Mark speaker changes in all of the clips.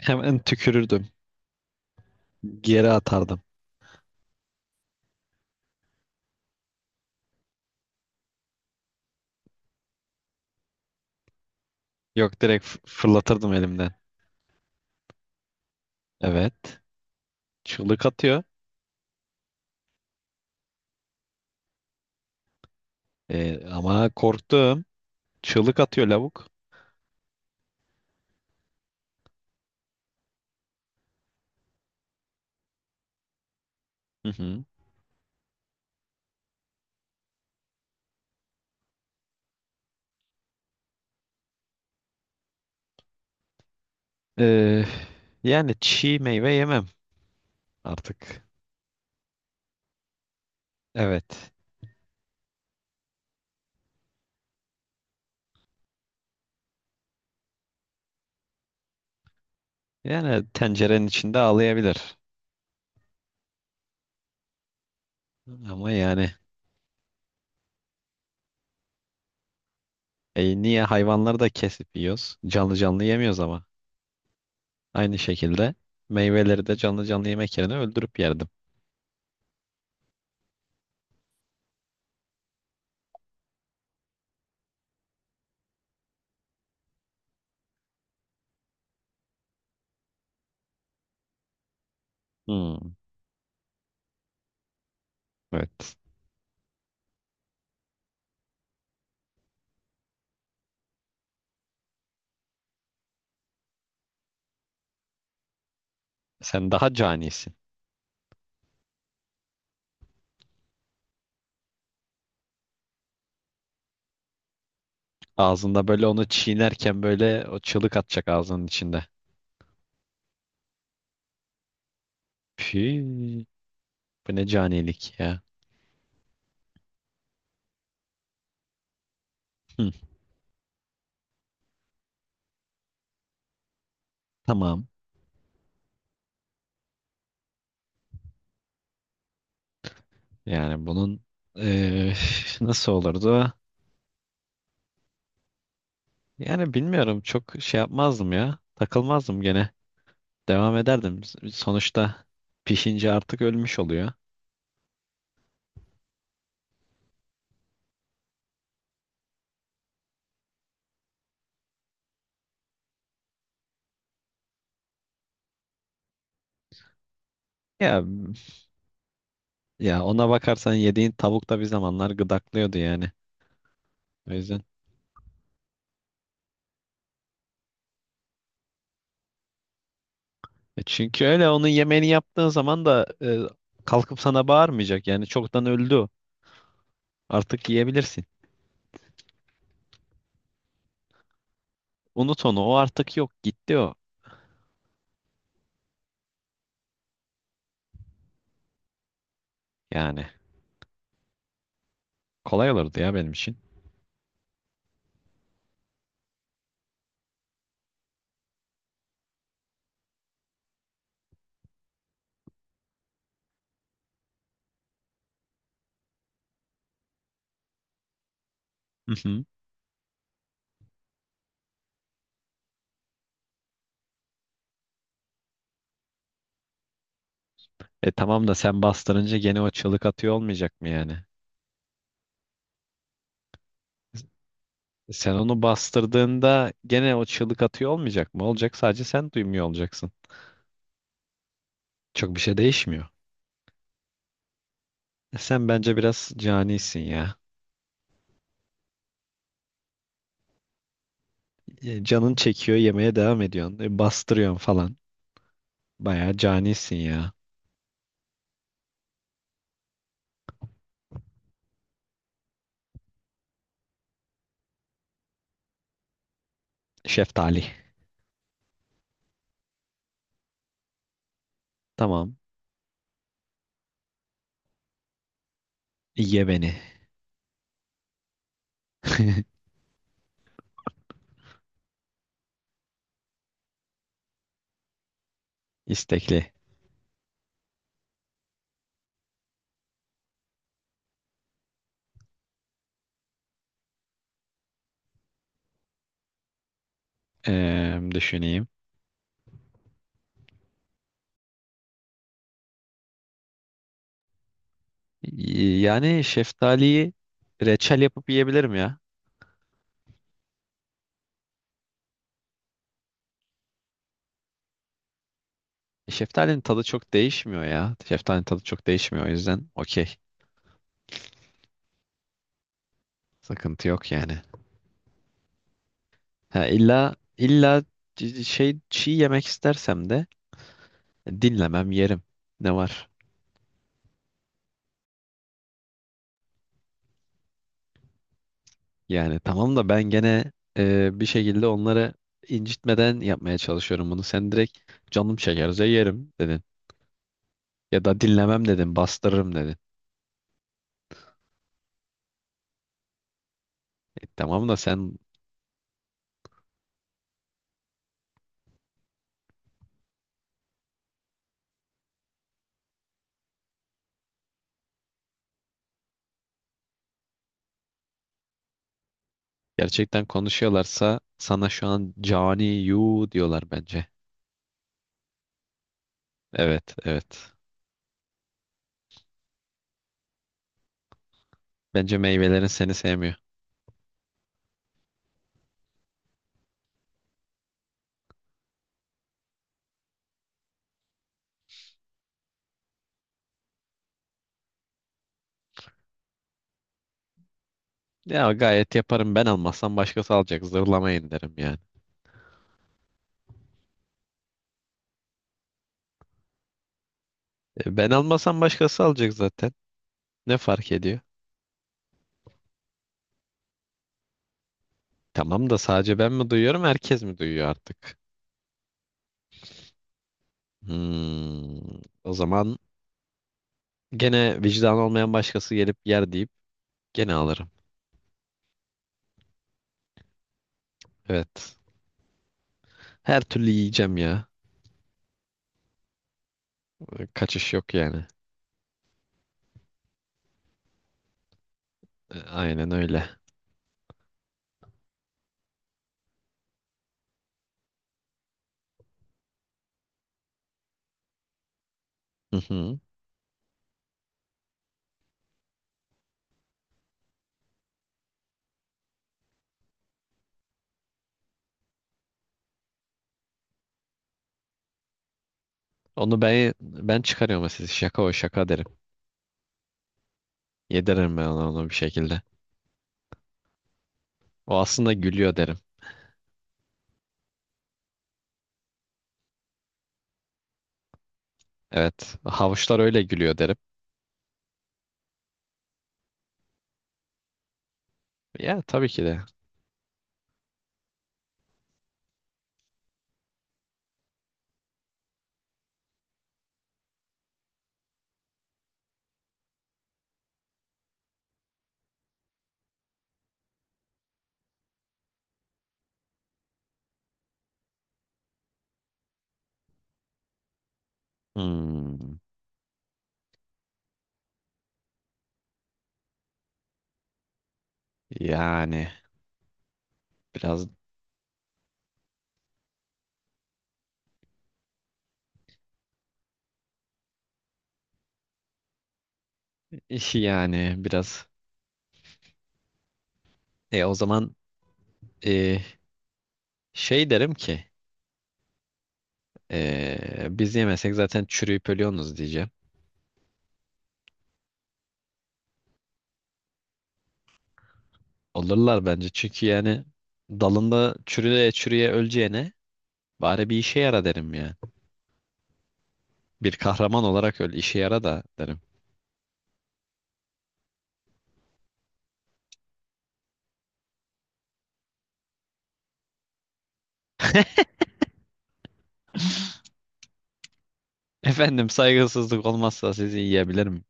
Speaker 1: Hemen tükürürdüm. Geri atardım. Yok direkt fırlatırdım elimden. Evet. Çığlık atıyor. Ama korktum. Çığlık atıyor lavuk. Hı hı. Ee, yani çiğ meyve yemem artık. Evet. Yani tencerenin içinde ağlayabilir. Ama yani niye hayvanları da kesip yiyoruz? Canlı canlı yemiyoruz ama. Aynı şekilde meyveleri de canlı canlı yemek yerine öldürüp yerdim. Hmm, evet. Sen daha canisin. Ağzında böyle onu çiğnerken böyle o çığlık atacak ağzının içinde. Püh, bu ne canilik ya. Hı, tamam. Yani bunun eee, nasıl olurdu? Yani bilmiyorum. Çok şey yapmazdım ya. Takılmazdım gene. Devam ederdim. Sonuçta pişince artık ölmüş oluyor. Ya ya ona bakarsan yediğin tavuk da bir zamanlar gıdaklıyordu yani. O yüzden. Çünkü öyle onun yemeğini yaptığın zaman da kalkıp sana bağırmayacak. Yani çoktan öldü o. Artık yiyebilirsin. Unut onu. O artık yok. Gitti o. Yani kolay olurdu ya benim için. Hı hı. Tamam da sen bastırınca gene o çığlık atıyor olmayacak mı yani? Sen onu bastırdığında gene o çığlık atıyor olmayacak mı? Olacak, sadece sen duymuyor olacaksın. Çok bir şey değişmiyor. Sen bence biraz canisin ya. Canın çekiyor, yemeye devam ediyorsun. Bastırıyorsun falan. Bayağı canisin ya. Şeftali. Tamam. Ye beni. İstekli. Düşüneyim. Yani şeftaliyi reçel yapıp yiyebilirim ya. Şeftalinin tadı çok değişmiyor ya. Şeftalinin tadı çok değişmiyor, o yüzden okey. Sıkıntı yok yani. Ha, illa illa şey çiğ yemek istersem de dinlemem, yerim. Ne var? Yani tamam da ben gene bir şekilde onları incitmeden yapmaya çalışıyorum bunu. Sen direkt canım çekerse yerim dedin. Ya da dinlemem dedin, bastırırım dedin. Tamam da sen gerçekten konuşuyorlarsa sana şu an cani yu diyorlar bence. Evet, evet. Bence meyvelerin seni sevmiyor. Ya gayet yaparım, ben almasam başkası alacak. Zırlamayın derim yani. Ben almasam başkası alacak zaten. Ne fark ediyor? Tamam da sadece ben mi duyuyorum, herkes mi duyuyor artık? Hmm, o zaman gene vicdan olmayan başkası gelip yer deyip gene alırım. Evet. Her türlü yiyeceğim ya. Kaçış yok yani. Aynen öyle. Onu ben çıkarıyorum, siz şaka o şaka derim. Yediririm ben ona onu bir şekilde. O aslında gülüyor derim. Evet. Havuçlar öyle gülüyor derim. Ya tabii ki de. Hmm, yani biraz yani biraz o zaman e, şey derim ki biz yemesek zaten çürüyüp ölüyorsunuz diyeceğim. Olurlar bence, çünkü yani dalında çürüye çürüye öleceğine bari bir işe yara derim ya. Bir kahraman olarak öl, işe yara da derim. Efendim, saygısızlık olmazsa sizi yiyebilirim.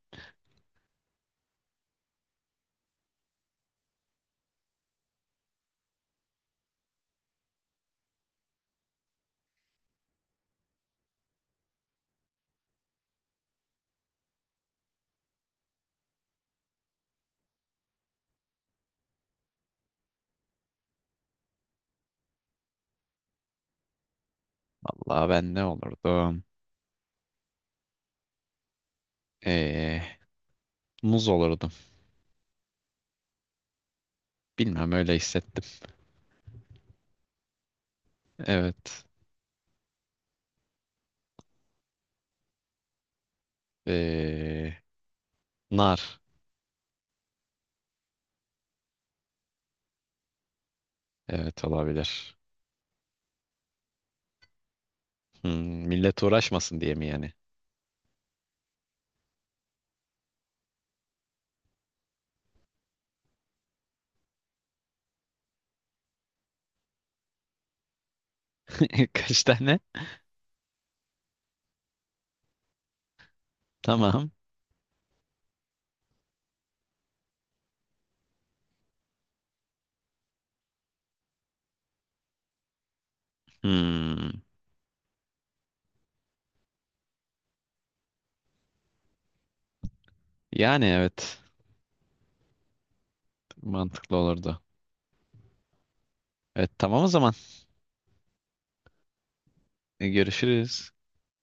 Speaker 1: Vallahi ben ne olurdum? Ee, muz olurdum. Bilmem, öyle hissettim. Evet. Ee, nar. Evet, olabilir. Millet uğraşmasın diye mi yani? Kaç tane? Tamam. Hmm, yani evet. Mantıklı olurdu. Evet, tamam o zaman. Görüşürüz.